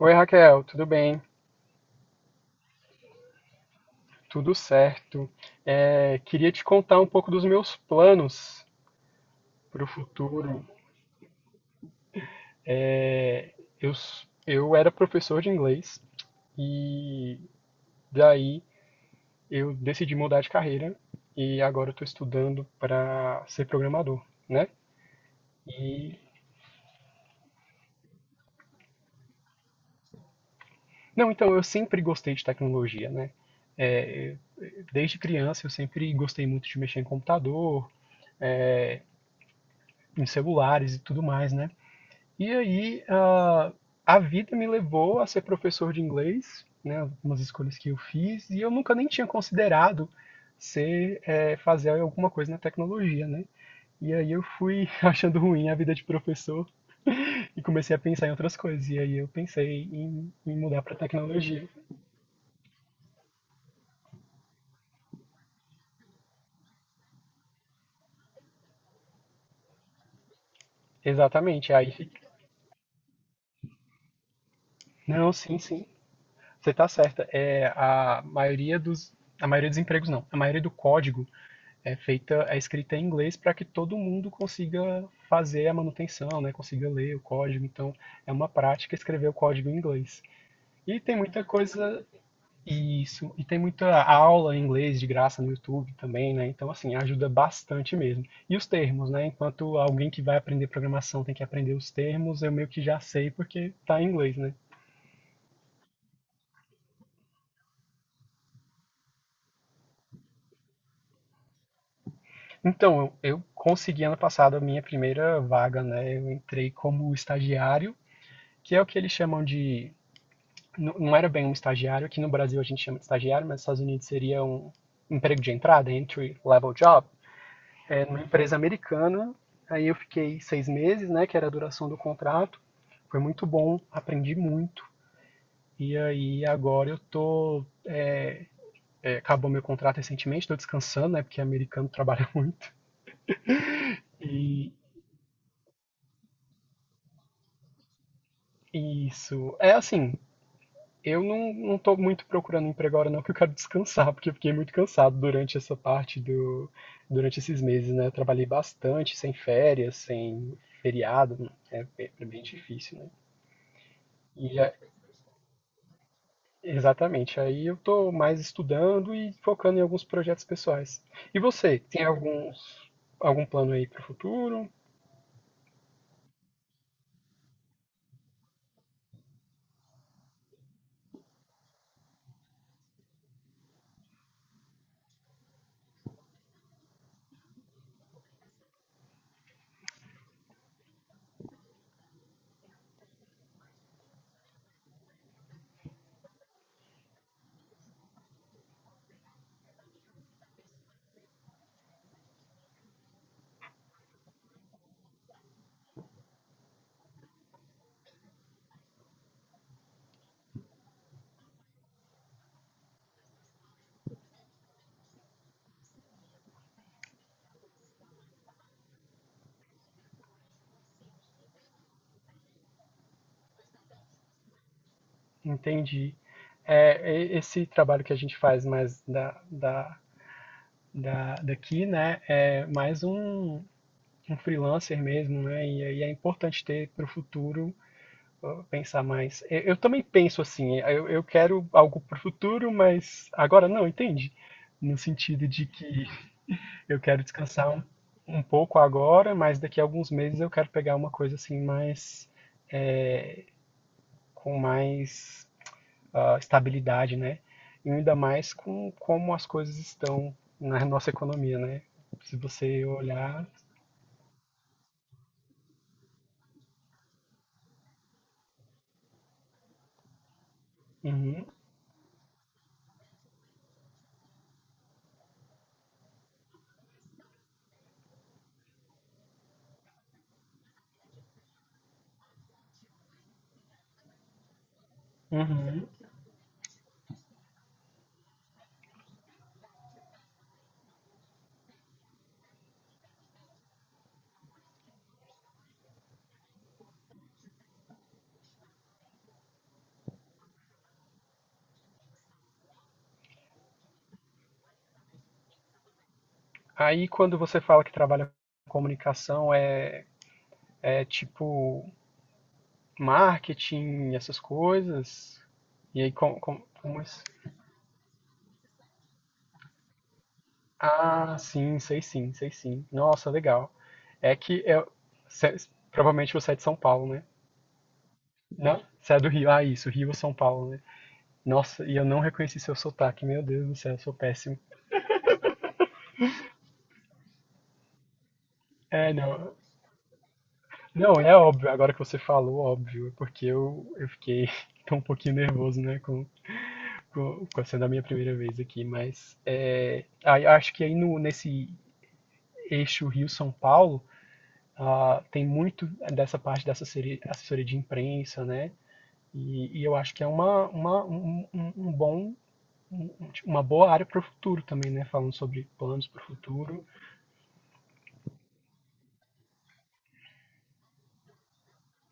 Oi Raquel, tudo bem? Tudo certo. É, queria te contar um pouco dos meus planos para o futuro. É, eu era professor de inglês e daí eu decidi mudar de carreira e agora estou estudando para ser programador, né? E não, então eu sempre gostei de tecnologia, né? É, eu- Desde criança eu sempre gostei muito de mexer em computador, em celulares e tudo mais, né? E aí, a vida me levou a ser professor de inglês, né, umas escolhas que eu fiz, e eu nunca nem tinha considerado fazer alguma coisa na tecnologia, né? E aí eu fui achando ruim a vida de professor e comecei a pensar em outras coisas. E aí eu pensei em mudar para tecnologia. Exatamente. Aí, não, sim, sim. Você está certa. É a maioria dos empregos não. A maioria do código é feita, é escrita em inglês para que todo mundo consiga fazer a manutenção, né? Consiga ler o código. Então, é uma prática escrever o código em inglês. E tem muita coisa, isso. E tem muita aula em inglês de graça no YouTube também, né? Então, assim, ajuda bastante mesmo. E os termos, né? Enquanto alguém que vai aprender programação tem que aprender os termos, eu meio que já sei porque tá em inglês, né? Então, eu consegui ano passado a minha primeira vaga, né? Eu entrei como estagiário, que é o que eles chamam de, não, não era bem um estagiário, aqui no Brasil a gente chama de estagiário, mas nos Estados Unidos seria um emprego de entrada, entry level job, numa empresa americana. Aí eu fiquei 6 meses, né, que era a duração do contrato. Foi muito bom, aprendi muito. E aí agora acabou meu contrato recentemente, tô descansando, né? Porque americano trabalha muito. E isso. É assim, Eu não tô muito procurando emprego agora, não, que eu quero descansar, porque eu fiquei muito cansado durante essa parte do, durante esses meses, né? Eu trabalhei bastante, sem férias, sem feriado, né? É bem difícil, né? E é- exatamente, aí eu tô mais estudando e focando em alguns projetos pessoais. E você, tem algum plano aí para o futuro? Entendi. Esse trabalho que a gente faz mais daqui, né? É mais um freelancer mesmo, né? E aí é importante ter para o futuro pensar mais. Eu também penso assim, eu quero algo para o futuro, mas agora não, entende? No sentido de que eu quero descansar um pouco agora, mas daqui a alguns meses eu quero pegar uma coisa assim mais com mais estabilidade, né? E ainda mais como as coisas estão na nossa economia, né? Se você olhar, uhum, uhum. Aí, quando você fala que trabalha com comunicação, é tipo marketing, essas coisas? E aí, como isso? Ah, sim, sei sim, sei sim. Nossa, legal. É que é, cê- provavelmente você é de São Paulo, né? Não? Você é do Rio? Ah, isso, Rio ou São Paulo, né? Nossa, e eu não reconheci seu sotaque, meu Deus do céu, eu sou péssimo. É, não. Não, é óbvio, agora que você falou, óbvio, é porque eu fiquei tão um pouquinho nervoso, né, com sendo a minha primeira vez aqui, mas aí acho que aí no, nesse eixo Rio-São Paulo tem muito dessa parte da assessoria, assessoria de imprensa, né? E eu acho que é uma, um, um um um bom, tipo, uma boa área para o futuro também, né? Falando sobre planos para o futuro.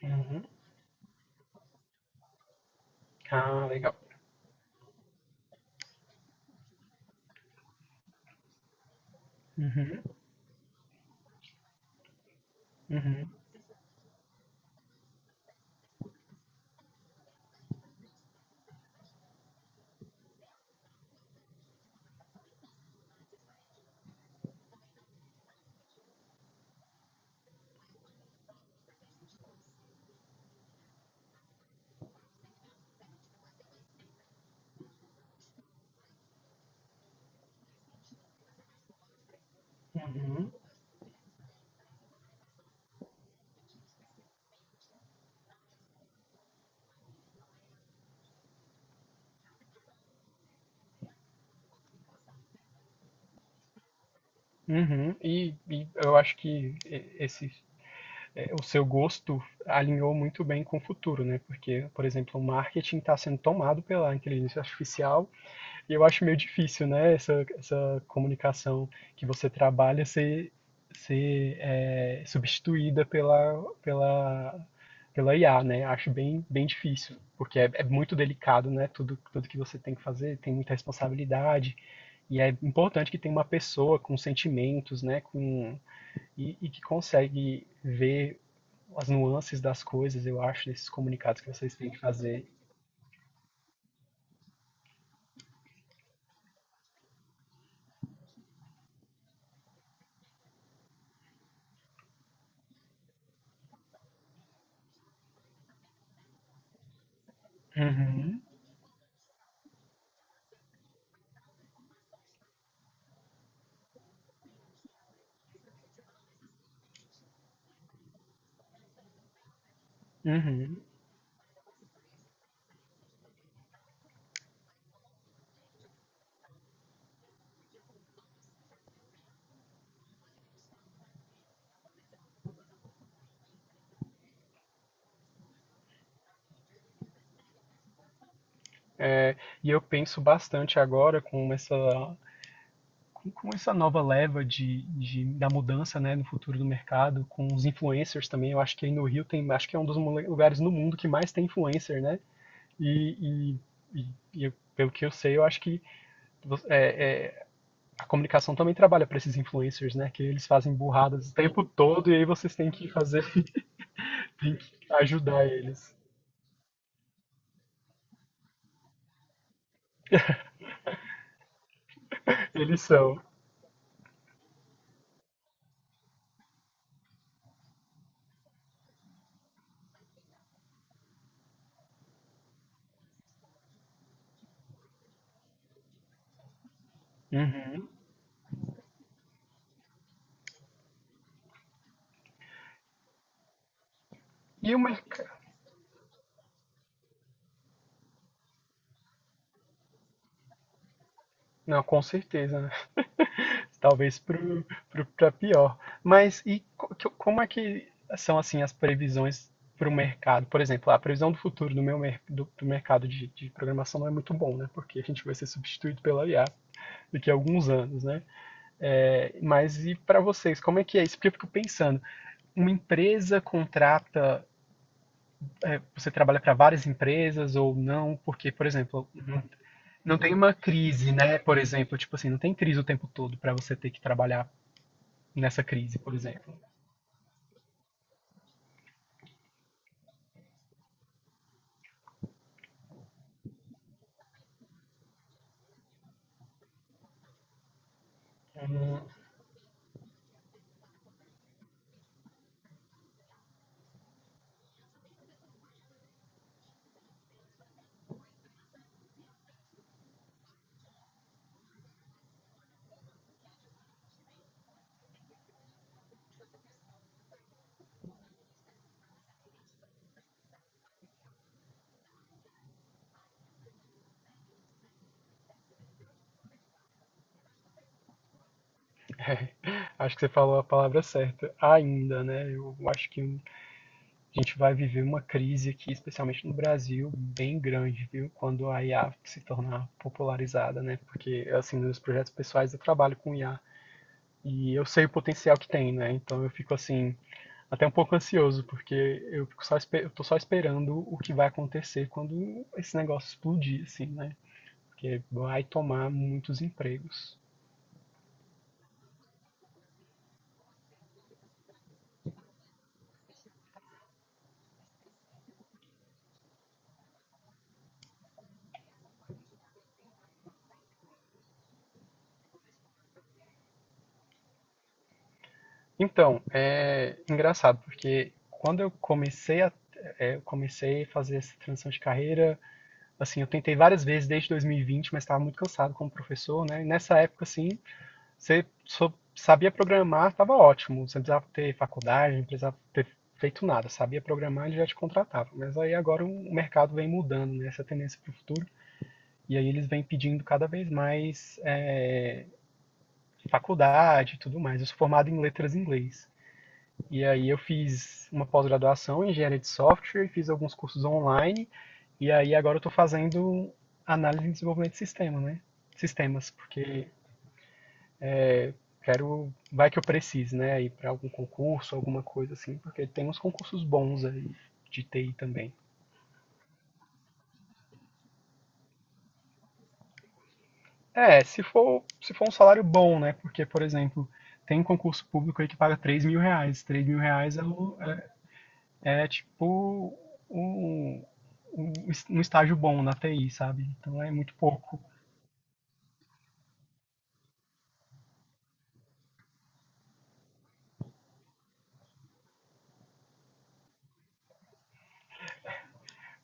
Uhum. Ah, legal. Uhum, uhum, uhum, uhum. E eu acho que esse o seu gosto alinhou muito bem com o futuro, né? Porque, por exemplo, o marketing está sendo tomado pela inteligência artificial e eu acho meio difícil, né? Essa comunicação que você trabalha ser substituída pela IA, né? Acho bem, bem difícil, porque é muito delicado, né? Tudo que você tem que fazer tem muita responsabilidade. E é importante que tenha uma pessoa com sentimentos, né, e que consegue ver as nuances das coisas, eu acho, desses comunicados que vocês têm que fazer. Uhum, uhum. E eu penso bastante agora com essa nova leva da mudança, né, no futuro do mercado, com os influencers também. Eu acho que aí no Rio tem, acho que é um dos lugares no mundo que mais tem influencer, né? E, e- e pelo que eu sei, eu acho que é- é, a comunicação também trabalha para esses influencers, né? Que eles fazem burradas o tempo todo e aí vocês têm que fazer, tem que ajudar eles. Eles são. Uhum. E o mercado. Não, com certeza, né? Talvez pra pior. Mas e como é que são assim as previsões para o mercado? Por exemplo, a previsão do futuro do mercado de programação não é muito bom, né? Porque a gente vai ser substituído pela IA daqui a alguns anos, né? É, mas e para vocês, como é que é isso? Porque eu fico pensando, uma empresa contrata. Você trabalha para várias empresas ou não? Porque, por exemplo, não tem uma crise, né? Por exemplo, tipo assim, não tem crise o tempo todo pra você ter que trabalhar nessa crise, por exemplo. Acho que você falou a palavra certa. Ainda, né? Eu acho que a gente vai viver uma crise aqui, especialmente no Brasil, bem grande, viu? Quando a IA se tornar popularizada, né? Porque, assim, nos projetos pessoais eu trabalho com IA e eu sei o potencial que tem, né? Então eu fico assim, até um pouco ansioso, porque eu tô só esperando o que vai acontecer quando esse negócio explodir, assim, né? Porque vai tomar muitos empregos. Então, é engraçado, porque quando eu comecei a fazer essa transição de carreira, assim, eu tentei várias vezes desde 2020, mas estava muito cansado como professor, né? E nessa época, assim, você só sabia programar, estava ótimo, você não precisava ter faculdade, não precisava ter feito nada, sabia programar, ele já te contratava. Mas aí agora o mercado vem mudando, né? Essa tendência para o futuro. E aí eles vêm pedindo cada vez mais faculdade e tudo mais. Eu sou formado em letras em inglês. E aí eu fiz uma pós-graduação em engenharia de software, fiz alguns cursos online, e aí agora eu estou fazendo análise e desenvolvimento de sistema, né? Sistemas, porque quero, vai que eu precise, né? Ir para algum concurso, alguma coisa assim, porque tem uns concursos bons aí de TI também. É, se for um salário bom, né? Porque, por exemplo, tem um concurso público aí que paga R$ 3.000. R$ 3.000 é É tipo um, um, um estágio bom na TI, sabe? Então é muito pouco.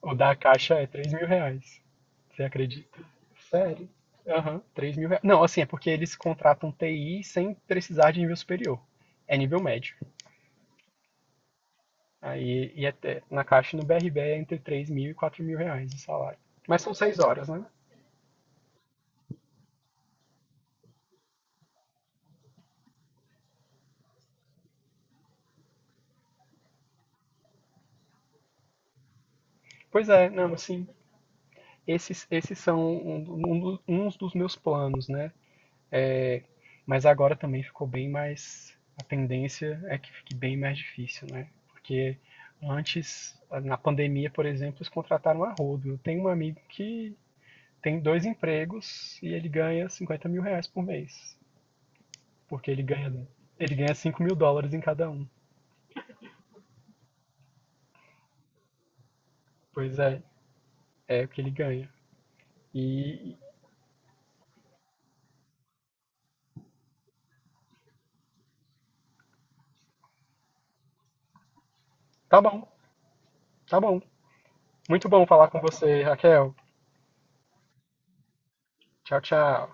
O da Caixa é R$ 3.000. Você acredita? Sério? Aham, R$ 3.000. Não, assim, é porque eles contratam TI sem precisar de nível superior. É nível médio. Aí, e até, na Caixa e no BRB é entre R$ 3.000 e R$ 4.000 de salário. Mas são 6 horas, né? Pois é, não, assim, esses são uns dos meus planos, né? Mas agora também ficou bem mais. A tendência é que fique bem mais difícil, né? Porque antes, na pandemia, por exemplo, eles contrataram a rodo. Eu tenho um amigo que tem dois empregos e ele ganha R$ 50.000 por mês. Porque ele ganha US$ 5.000 em cada um. Pois é, é o que ele ganha. E tá bom, tá bom. Muito bom falar com você, Raquel. Tchau, tchau.